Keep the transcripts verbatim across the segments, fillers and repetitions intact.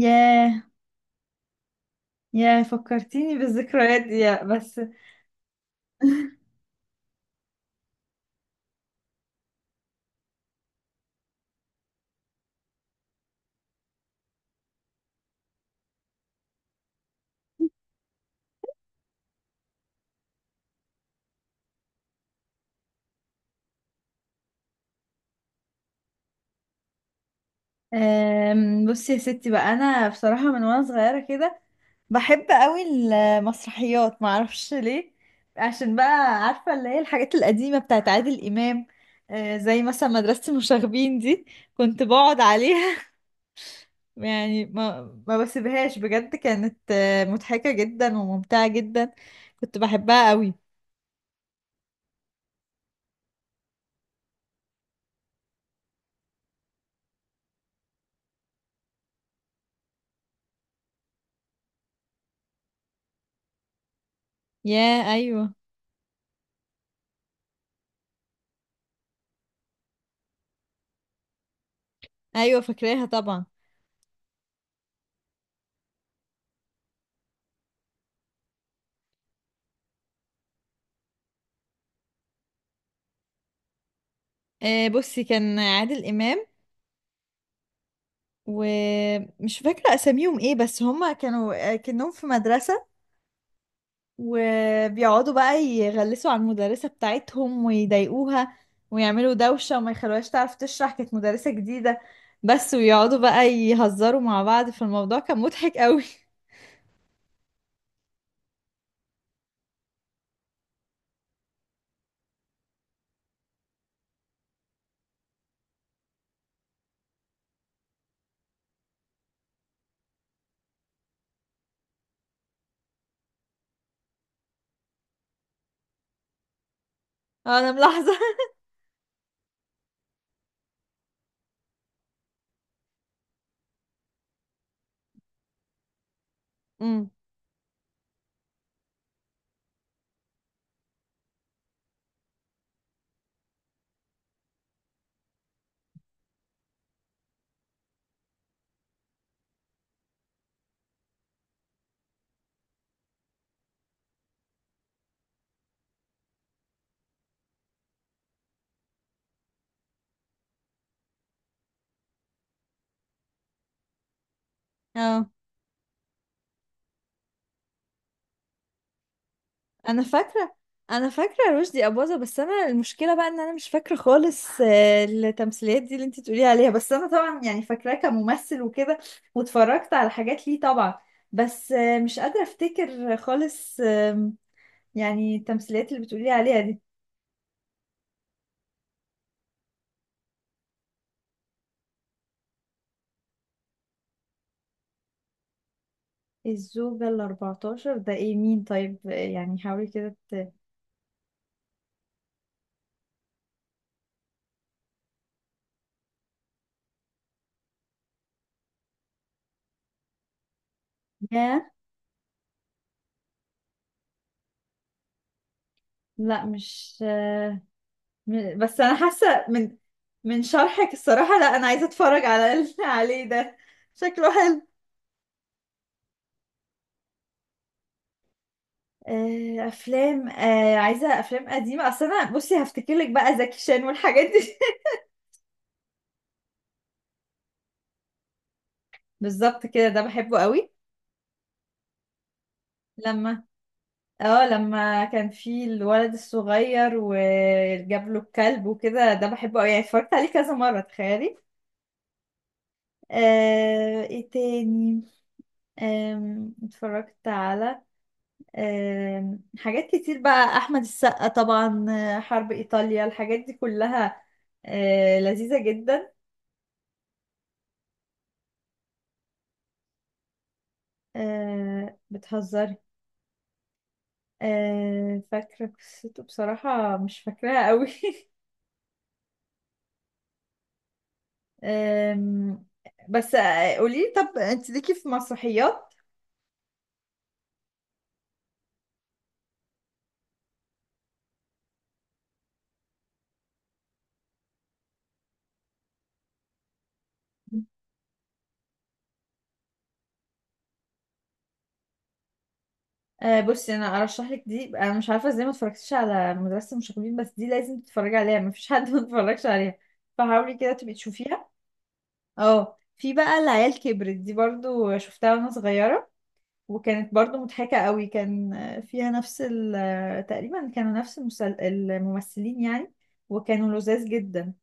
ياه، ياه، فكرتيني بالذكريات دي يا- بس. آم، بصي يا ستي بقى، انا بصراحة من وانا صغيرة كده بحب قوي المسرحيات، معرفش ليه. عشان بقى عارفة اللي هي الحاجات القديمة بتاعت عادل إمام. آه، زي مثلا مدرسة المشاغبين دي، كنت بقعد عليها. يعني ما ما بسيبهاش بجد، كانت آه، مضحكة جدا وممتعة جدا، كنت بحبها قوي. ياه، ايوه. ايوه، فاكراها طبعا. آه، بصي، كان عادل إمام ومش فاكرة أساميهم إيه، بس هما كانوا كأنهم في مدرسة، وبيقعدوا بقى يغلسوا على المدرسة بتاعتهم ويضايقوها، ويعملوا دوشة وما يخلوهاش تعرف تشرح، كانت مدرسة جديدة بس، ويقعدوا بقى يهزروا مع بعض، فالموضوع كان مضحك قوي. أنا ملاحظة. امم. انا فاكره انا فاكره رشدي اباظه، بس انا المشكله بقى ان انا مش فاكره خالص آه، التمثيليات دي اللي انت تقولي عليها، بس انا طبعا يعني فاكراه كممثل وكده، واتفرجت على حاجات ليه طبعا. بس آه، مش قادره افتكر خالص، آم، يعني التمثيليات اللي بتقولي عليها دي. الزوجة ال اربعتاشر، ده ايه مين طيب؟ آه، يعني حاولي كده ت... ياه. لا مش آه، م- بس انا حاسة من من شرحك الصراحة، لا انا عايزة اتفرج على ال- عليه ده، شكله حلو. آه، افلام، آه، عايزه افلام قديمه، اصل انا بصي هفتكر لك بقى زكي شان والحاجات دي. بالظبط كده، ده بحبه قوي. لما اه لما كان في الولد الصغير وجاب له الكلب وكده، ده بحبه قوي، يعني اتفرجت عليه كذا مره تخيلي. آه، ايه تاني؟ آم، اتفرجت على آم، حاجات كتير بقى، احمد السقا طبعا، آه، حرب ايطاليا، الحاجات دي كلها آه، لذيذه جدا. آه، بتهزري؟ آه، فاكرة قصته، بصراحة مش فاكراها قوي. آم، بس آه، قوليلي، طب انت ليكي في مسرحيات؟ آه، بصي، انا ارشح لك دي، انا مش عارفه ازاي ما اتفرجتيش على مدرسه المشاغبين، بس دي لازم تتفرجي عليها، مفيش حد ما اتفرجش عليها، فحاولي كده تبقي تشوفيها. اه، في بقى العيال كبرت دي برضو شفتها وانا صغيره، وكانت برضو مضحكه قوي، كان آه، فيها نفس ال- آه، تقريبا كانوا نفس المسل- الممثلين يعني، وكانوا لذاذ جدا.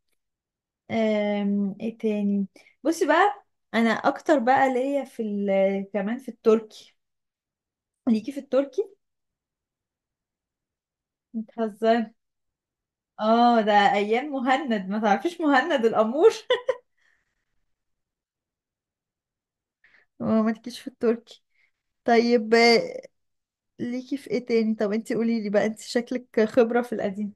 أم، ايه تاني؟ بصي بقى، انا اكتر بقى ليا في ال- كمان في التركي، ليكي في التركي؟ بتهزري؟ اه، ده ايام مهند، ما تعرفيش مهند الامور. اه ما ليكيش في التركي، طيب آه، ليكي في ايه تاني؟ طب انتي قولي لي بقى، انتي شكلك خبرة في القديم.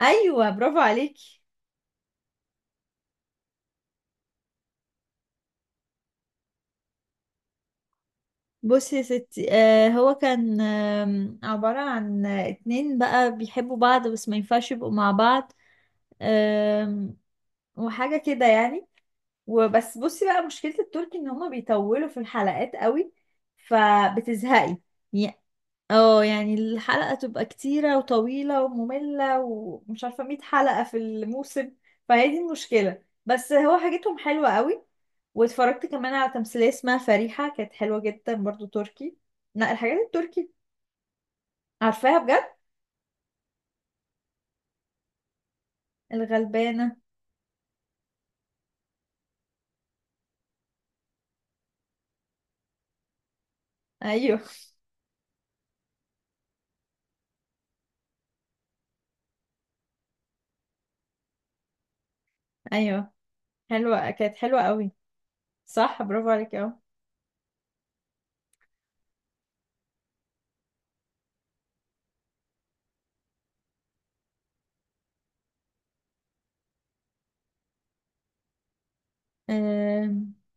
ايوه برافو عليكي. بصي يا ستي، آه هو كان آم، عبارة عن آه، اتنين بقى بيحبوا بعض بس ما ينفعش يبقوا مع بعض، آم، وحاجة كده يعني. وبس بصي بقى، مشكلة التركي ان هما بيطولوا في الحلقات قوي، فبتزهقي. يع- اه يعني الحلقة تبقى كتيرة وطويلة ومملة ومش عارفة، ميه حلقة في الموسم، فهي دي المشكلة، بس هو حاجتهم حلوة قوي، واتفرجت كمان على تمثيلية اسمها فريحة، كانت حلوة جدا برضو تركي. لا الحاجات التركي. عارفاها بجد. الغلبانة. ايوه. ايوه. حلوة، كانت حلوة قوي. صح، برافو عليك. اهو.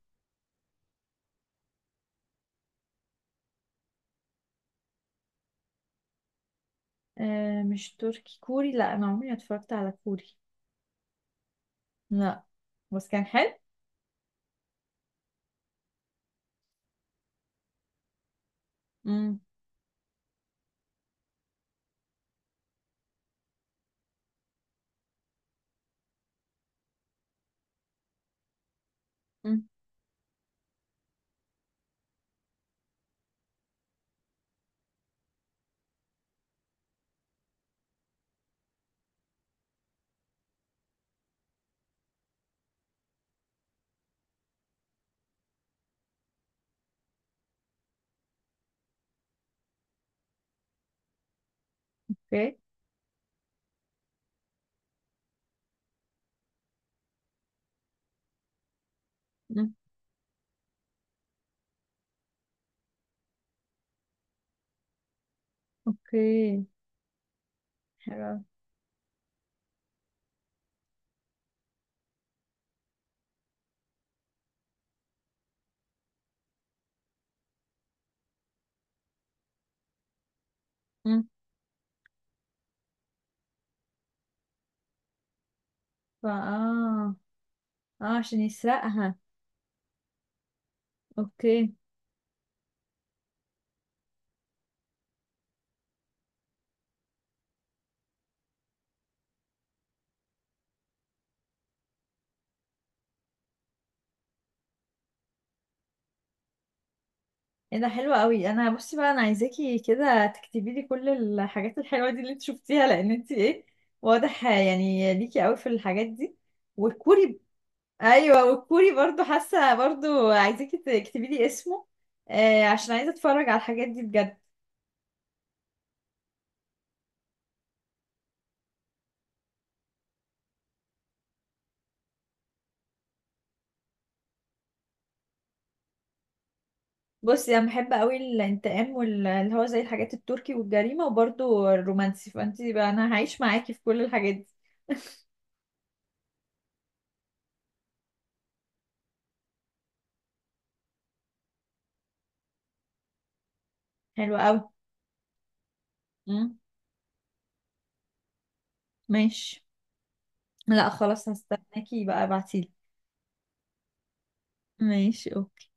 آه مش تركي، كوري؟ لا انا عمري ما اتفرجت على كوري. لا، بس كان حلو. امم. امم. اوكي. امم. اوكي. حلو أوي. امم. فا اه اه عشان يسرقها. اوكي. ايه ده حلو قوي، انا بصي بقى انا عايزاكي كده تكتبي لي كل الحاجات الحلوه دي اللي انت شفتيها، لان انت ايه، واضح يعني ليكي قوي في الحاجات دي. والكوري، ايوه، والكوري برضو حاسه برضو عايزاكي تكتبي لي اسمه، آه عشان عايزه اتفرج على الحاجات دي بجد. بصي انا بحب قوي الانتقام، واللي هو زي الحاجات التركي والجريمه، وبرده الرومانسي، فانتي بقى انا هعيش معاكي في كل الحاجات دي. حلوه قوي. مم. ماشي. لا خلاص، هستناكي بقى ابعتيلي. ماشي اوكي.